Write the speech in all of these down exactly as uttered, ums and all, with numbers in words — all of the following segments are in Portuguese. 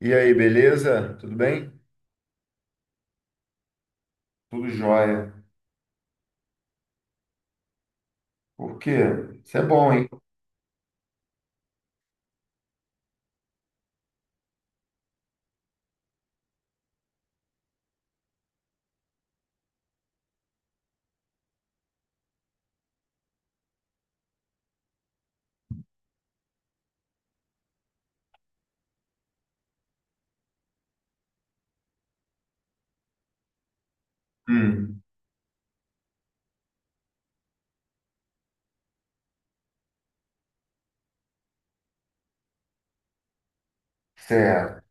E aí, beleza? Tudo bem? Tudo jóia. Por quê? Isso é bom, hein? Hum, certo.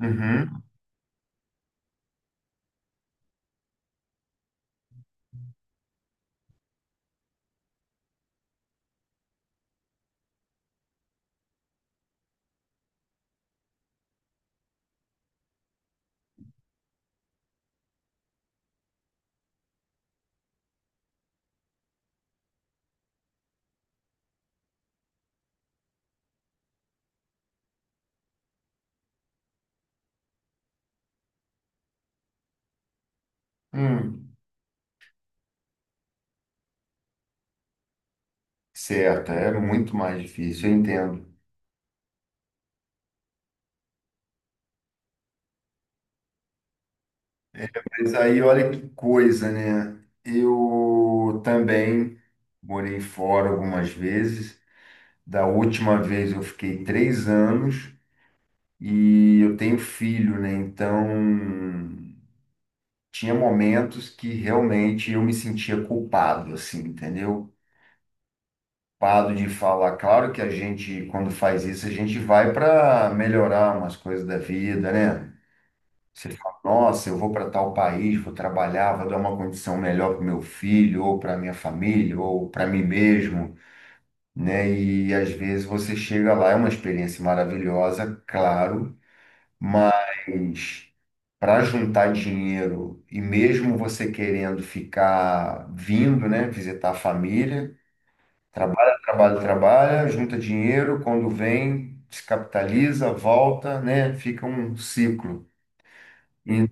Uhum. Hum, certo, é muito mais difícil, eu entendo. Mas aí, olha que coisa, né? Eu também morei fora algumas vezes. Da última vez eu fiquei três anos e eu tenho filho, né? Então, tinha momentos que realmente eu me sentia culpado, assim, entendeu? Preocupado de falar. Claro que a gente, quando faz isso, a gente vai para melhorar umas coisas da vida, né? Você fala, nossa, eu vou para tal país, vou trabalhar, vou dar uma condição melhor para meu filho, ou para minha família, ou para mim mesmo, né? E às vezes você chega lá, é uma experiência maravilhosa, claro, mas para juntar dinheiro e mesmo você querendo ficar vindo, né, visitar a família. Trabalha, trabalha, trabalha, junta dinheiro, quando vem, descapitaliza, volta, né? Fica um ciclo. E-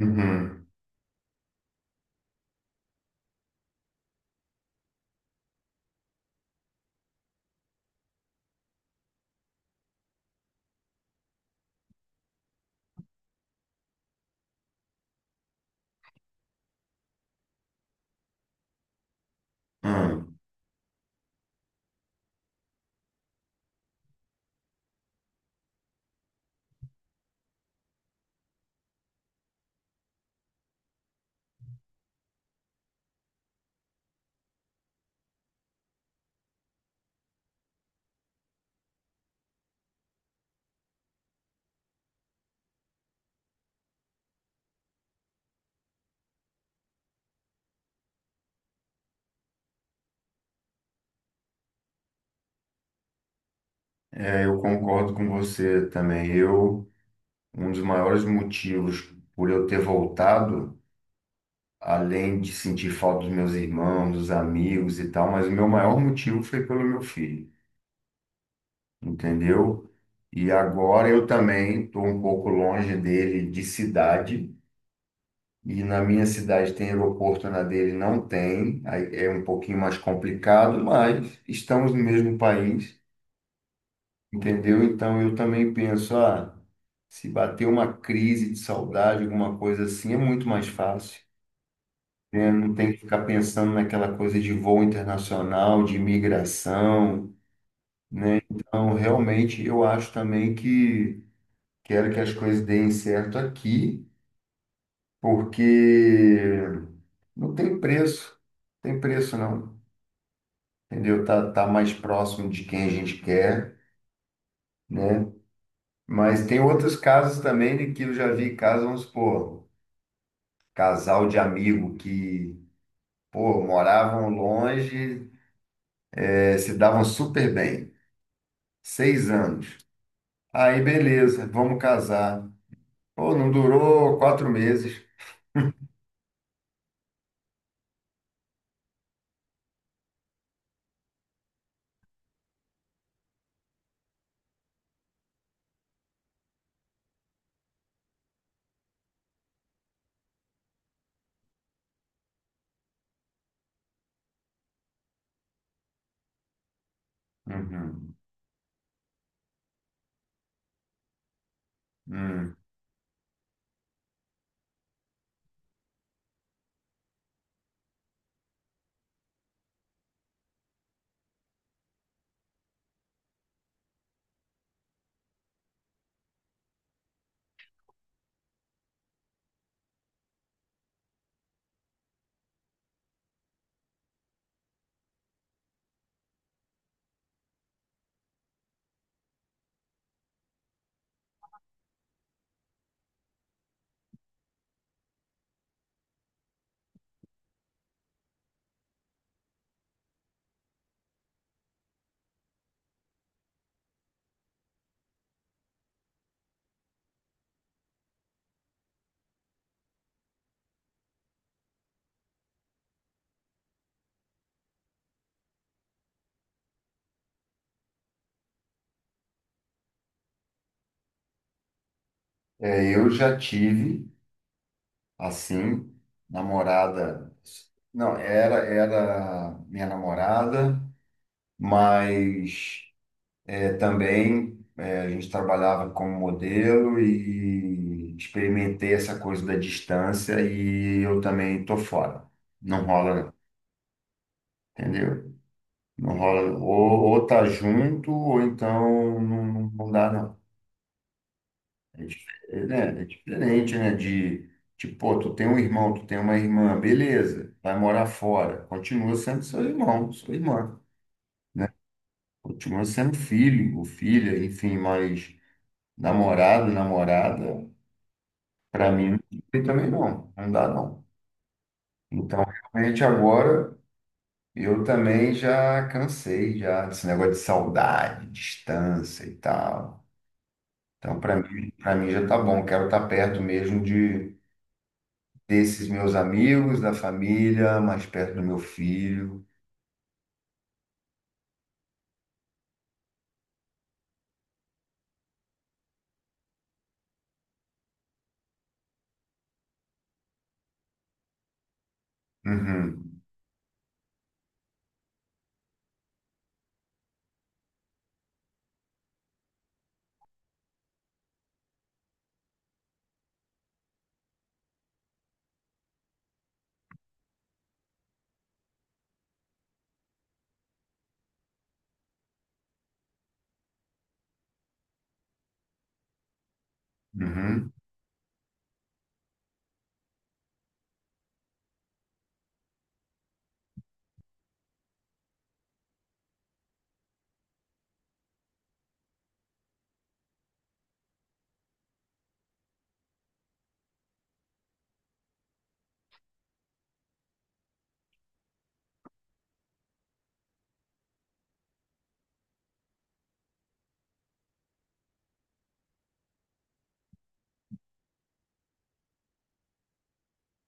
Uhum. Hum. É, eu concordo com você também. Eu, um dos maiores motivos por eu ter voltado, além de sentir falta dos meus irmãos, dos amigos e tal, mas o meu maior motivo foi pelo meu filho, entendeu? E agora eu também estou um pouco longe dele de cidade. E na minha cidade tem aeroporto, na dele não tem. Aí é um pouquinho mais complicado, mas estamos no mesmo país, entendeu? Então eu também penso, ah, se bater uma crise de saudade, alguma coisa assim, é muito mais fácil. Né? Não tem que ficar pensando naquela coisa de voo internacional, de imigração. Então, realmente, eu acho também que quero que as coisas deem certo aqui, porque não tem preço, não tem preço não. Entendeu? Tá, tá mais próximo de quem a gente quer, né? Mas tem outros casos também de que eu já vi casos, vamos supor, casal de amigo que, pô, moravam longe, eh, se davam super bem, seis anos. Aí, beleza, vamos casar. Pô, não durou quatro meses. Uhum. Hum. É, eu já tive, assim, namorada. Não, era, era minha namorada, mas também eh, a gente trabalhava como modelo e experimentei essa coisa da distância e eu também tô fora. Não rola, não, entendeu? Não rola. Ou, ou tá junto, ou então não, não não dá, não. É, dif- é, né? É diferente, né? De, tipo, pô, tu tem um irmão, tu tem uma irmã, beleza, vai morar fora. Continua sendo seu irmão, sua irmã, né? Continua sendo filho, ou filha, enfim, mas namorado, namorada. Para mim, não tem também não, não dá não. Então, realmente agora eu também já cansei já desse negócio de saudade, distância e tal. Então, para mim, para mim já tá bom. Quero estar perto mesmo de desses meus amigos, da família, mais perto do meu filho. Uhum, uhum.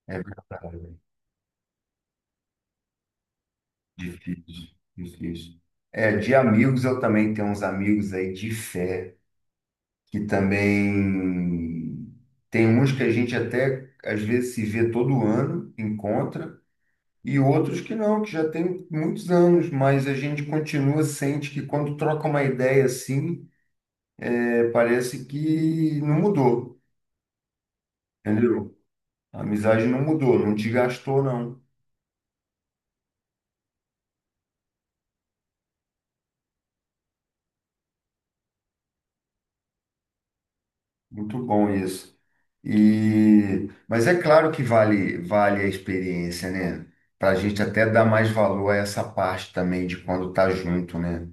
É verdade. Difícil, difícil. É, de amigos eu também tenho uns amigos aí de fé, que também tem uns que a gente até às vezes se vê todo ano, encontra, e outros que não, que já tem muitos anos, mas a gente continua, sente que quando troca uma ideia assim, é, parece que não mudou, entendeu? A amizade não mudou, não desgastou, não. Muito bom isso. E, mas é claro que vale, vale a experiência, né? Para a gente até dar mais valor a essa parte também de quando tá junto, né?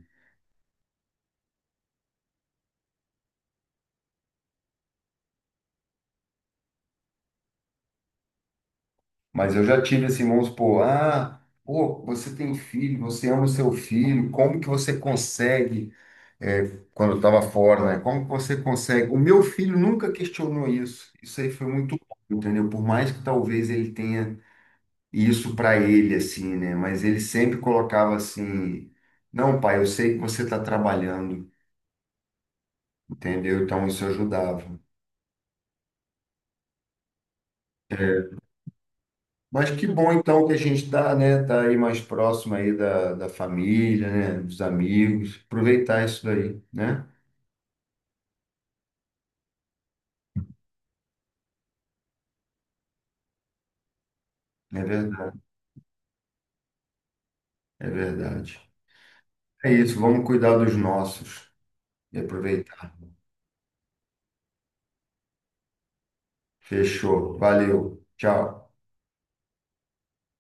Mas eu já tive assim, vamos supor, ah, pô, você tem filho, você ama o seu filho, como que você consegue, é, quando eu estava fora, né? Como que você consegue? O meu filho nunca questionou isso. Isso aí foi muito bom, entendeu? Por mais que talvez ele tenha isso para ele, assim, né? Mas ele sempre colocava assim, não, pai, eu sei que você está trabalhando, entendeu? Então isso ajudava. Mas que bom então que a gente está, né, tá aí mais próximo aí da, da família, né, dos amigos, aproveitar isso daí, né? É verdade, é verdade. É isso, vamos cuidar dos nossos e aproveitar. Fechou, valeu, tchau.